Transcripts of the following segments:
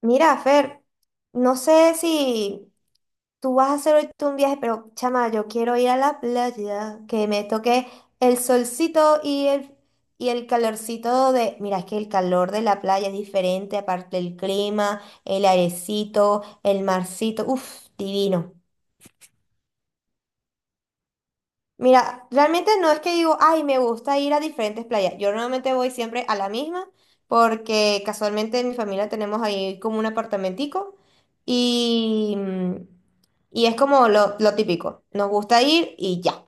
Mira, Fer, no sé si tú vas a hacer ahorita un viaje, pero chama, yo quiero ir a la playa, que me toque el solcito y el calorcito de. Mira, es que el calor de la playa es diferente, aparte el clima, el airecito, el marcito, uff, divino. Mira, realmente no es que digo, ay, me gusta ir a diferentes playas. Yo normalmente voy siempre a la misma porque casualmente en mi familia tenemos ahí como un apartamentico y, mm, y es como lo típico. Nos gusta ir y ya.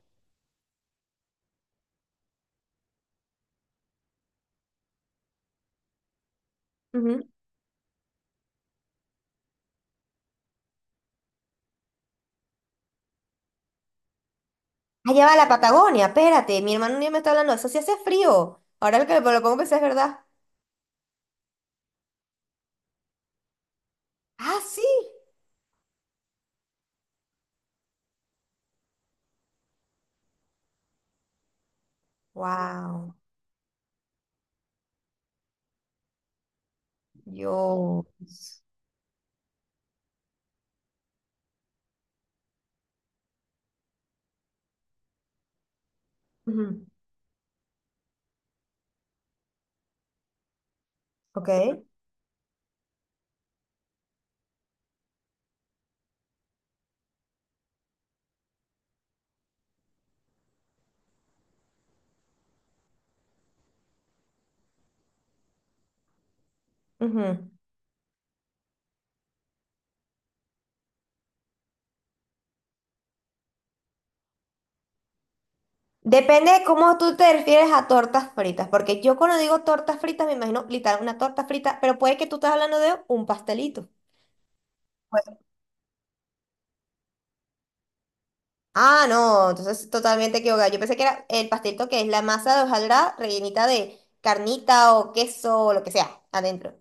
Ujú. Allá va la Patagonia, espérate, mi hermano un día me está hablando, eso sí hace frío. Ahora lo que lo pongo a es verdad. Ah, sí. Wow. Dios. Ujú. Ok. Ujú. Depende de cómo tú te refieres a tortas fritas, porque yo cuando digo tortas fritas me imagino literal una torta frita, pero puede que tú estés hablando de un pastelito. Pues, ah, no, entonces totalmente equivocada. Yo pensé que era el pastelito que es la masa de hojaldrada rellenita de carnita o queso o lo que sea adentro.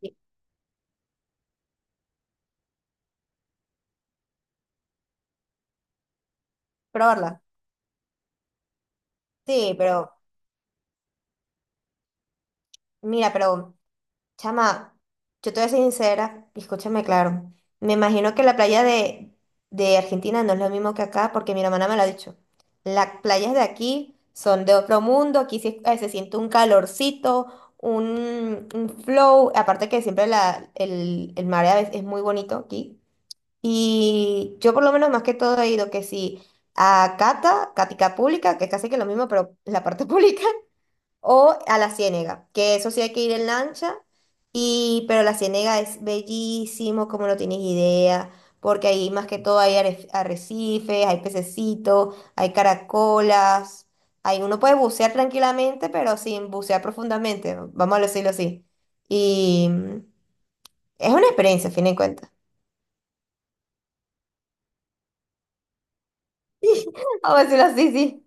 Sí. Probarla. Sí, pero mira, pero chama, yo te voy a ser sincera, y escúchame claro. Me imagino que la playa de Argentina no es lo mismo que acá, porque mi hermana me lo ha dicho. Las playas de aquí son de otro mundo, aquí sí, se siente un calorcito, un flow, aparte que siempre el mar a veces es muy bonito aquí. Y yo por lo menos más que todo he ido que sí a Cata, Cática Pública, que es casi que lo mismo, pero la parte pública. O a la Ciénega, que eso sí hay que ir en lancha, y, pero la Ciénega es bellísimo, como no tienes idea, porque ahí más que todo hay arrecifes, hay pececitos, hay caracolas, ahí uno puede bucear tranquilamente, pero sin bucear profundamente, vamos a decirlo así. Y es una experiencia, a fin de cuentas. Vamos a decirlo así, sí,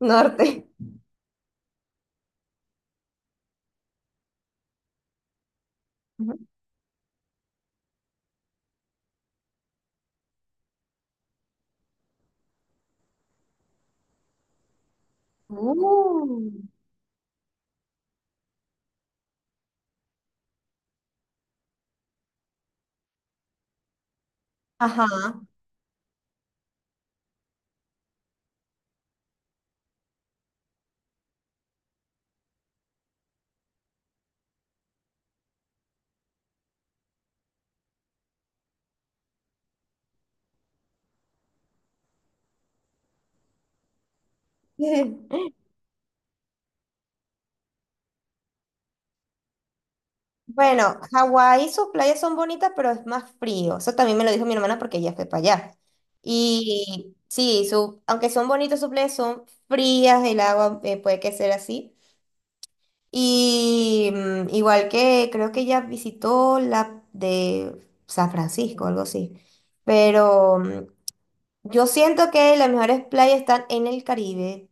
norte. Ujú. Uh. Ajá. Bueno, Hawái, sus playas son bonitas, pero es más frío. Eso también me lo dijo mi hermana porque ella fue para allá. Y sí, aunque son bonitas sus playas, son frías, el agua puede que sea así. Y igual que creo que ella visitó la de San Francisco, algo así. Pero yo siento que las mejores playas están en el Caribe.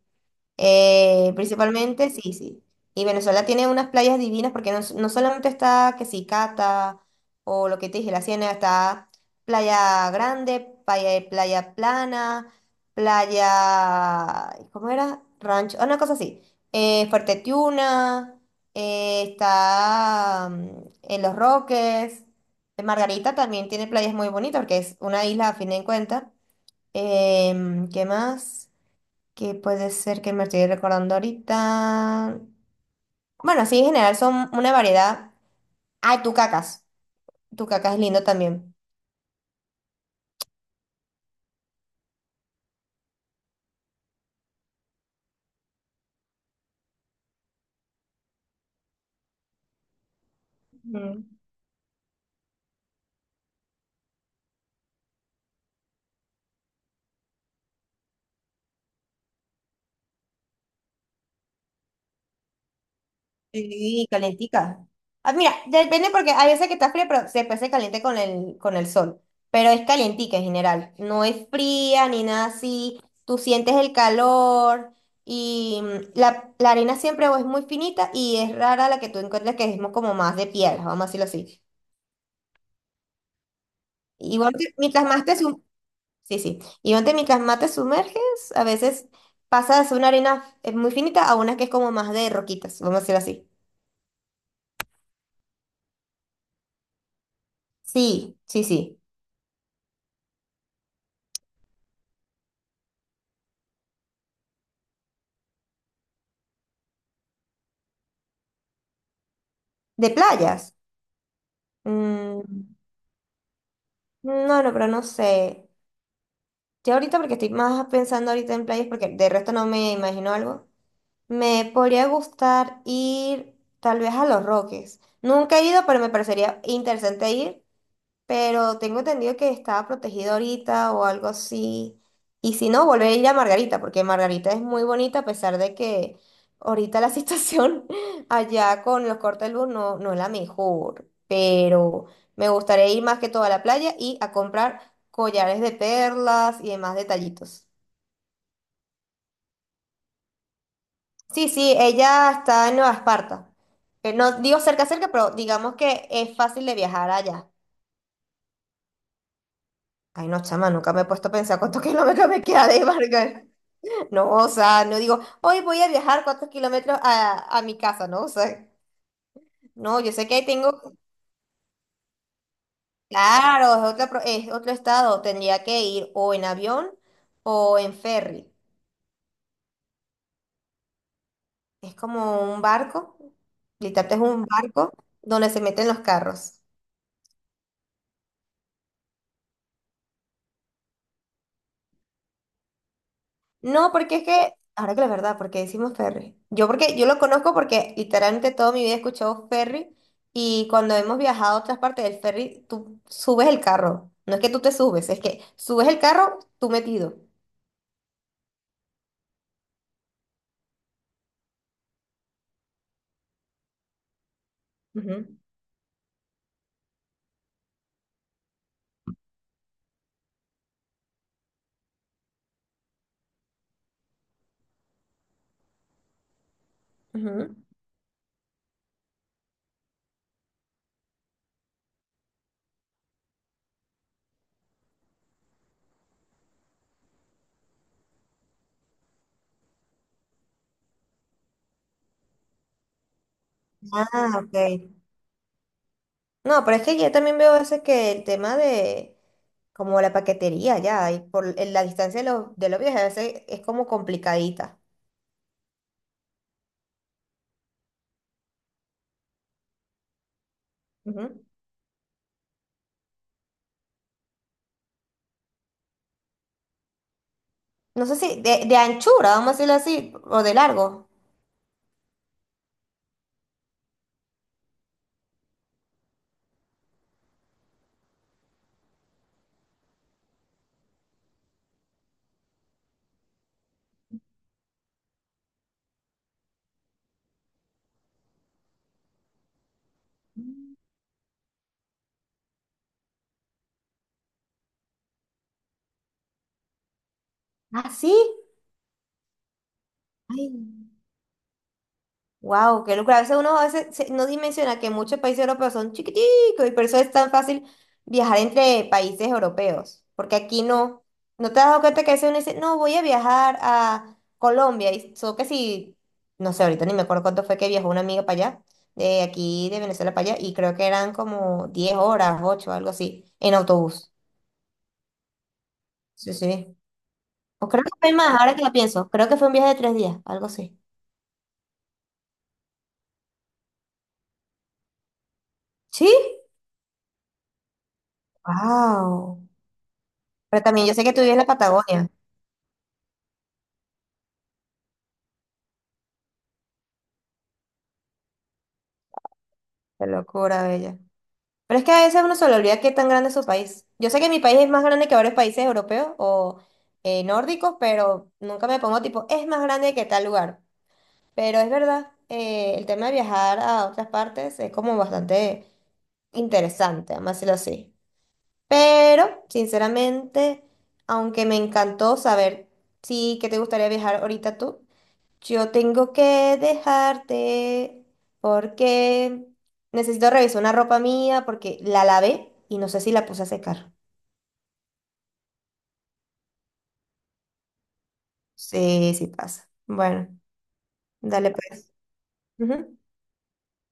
Principalmente, sí, sí. Y Venezuela tiene unas playas divinas porque no solamente está que si Cata o lo que te dije, la Ciénaga, está Playa Grande, Playa Plana, Playa, ¿cómo era? Rancho, una cosa así. Fuerte Tiuna, está en Los Roques. Margarita también tiene playas muy bonitas porque es una isla a fin de cuentas. ¿Qué más? Que puede ser que me estoy recordando ahorita. Bueno, así en general son una variedad. Ay, tucacas. Tucacas es lindo también. Ujú. Sí, calentica. Ah, mira, depende porque hay veces que está fría, pero después se caliente con el sol. Pero es calientica en general. No es fría ni nada así. Tú sientes el calor y la arena siempre o es muy finita y es rara la que tú encuentres que es como más de piedra, vamos a decirlo así. Igual, que mientras más te, sí, sí. Y donde mientras más te sumerges, a veces pasas de ser una arena muy finita a una que es como más de roquitas, vamos a decir así. Sí, sí, sí. ¿De playas? Mm, no, no, pero no sé. Yo ahorita, porque estoy más pensando ahorita en playas, porque de resto no me imagino algo. Me podría gustar ir tal vez a Los Roques. Nunca he ido, pero me parecería interesante ir. Pero tengo entendido que estaba protegido ahorita o algo así. Y si no, volver a ir a Margarita, porque Margarita es muy bonita a pesar de que ahorita la situación allá con los cortes de luz no es la mejor. Pero me gustaría ir más que todo a la playa y a comprar collares de perlas y demás detallitos. Sí, sí, ella está en Nueva Esparta. No digo cerca, cerca, pero digamos que es fácil de viajar allá. Ay, no, chama, nunca me he puesto a pensar cuántos kilómetros me queda de Vargas. No, o sea, no digo, hoy voy a viajar 4 km a mi casa, ¿no? O sea, no, yo sé que ahí tengo, claro, es otro estado, tendría que ir o en avión o en ferry. Es como un barco, literalmente es un barco donde se meten los carros. No, porque es que, ahora que la verdad, porque decimos Ferry. Yo porque yo lo conozco porque literalmente toda mi vida he escuchado Ferry y cuando hemos viajado a otras partes del ferry, tú subes el carro. No es que tú te subes, es que subes el carro tú metido. Ujú, ujú. Ah, ok. No, pero es que yo también veo a veces que el tema de como la paquetería ya, y por en la distancia de los, viajes a veces es como complicadita. Ujú. No sé si de anchura, vamos a decirlo así, o de largo. Ah, sí. Ay, wow, qué locura. A veces uno a veces no dimensiona que muchos países europeos son chiquiticos y por eso es tan fácil viajar entre países europeos. Porque aquí no, no te has dado cuenta que a veces uno dice, no, voy a viajar a Colombia. Y solo que si, no sé, ahorita ni me acuerdo cuánto fue que viajó una amiga para allá, de aquí de Venezuela para allá, y creo que eran como 10 horas, 8, algo así, en autobús. Sí, sí. O creo que fue más, ahora que lo pienso. Creo que fue un viaje de 3 días, algo así. ¿Sí? Wow. Pero también yo sé que tú vives en la Patagonia. Qué locura, bella. Pero es que a veces uno se le olvida qué tan grande es su país. Yo sé que mi país es más grande que varios países europeos o nórdicos, pero nunca me pongo tipo, es más grande que tal lugar. Pero es verdad, el tema de viajar a otras partes es como bastante interesante, vamos a decirlo así. Pero, sinceramente, aunque me encantó saber, sí, que te gustaría viajar ahorita tú. Yo tengo que dejarte porque necesito revisar una ropa mía porque la lavé y no sé si la puse a secar. Sí, sí pasa. Bueno, dale pues. Ujú.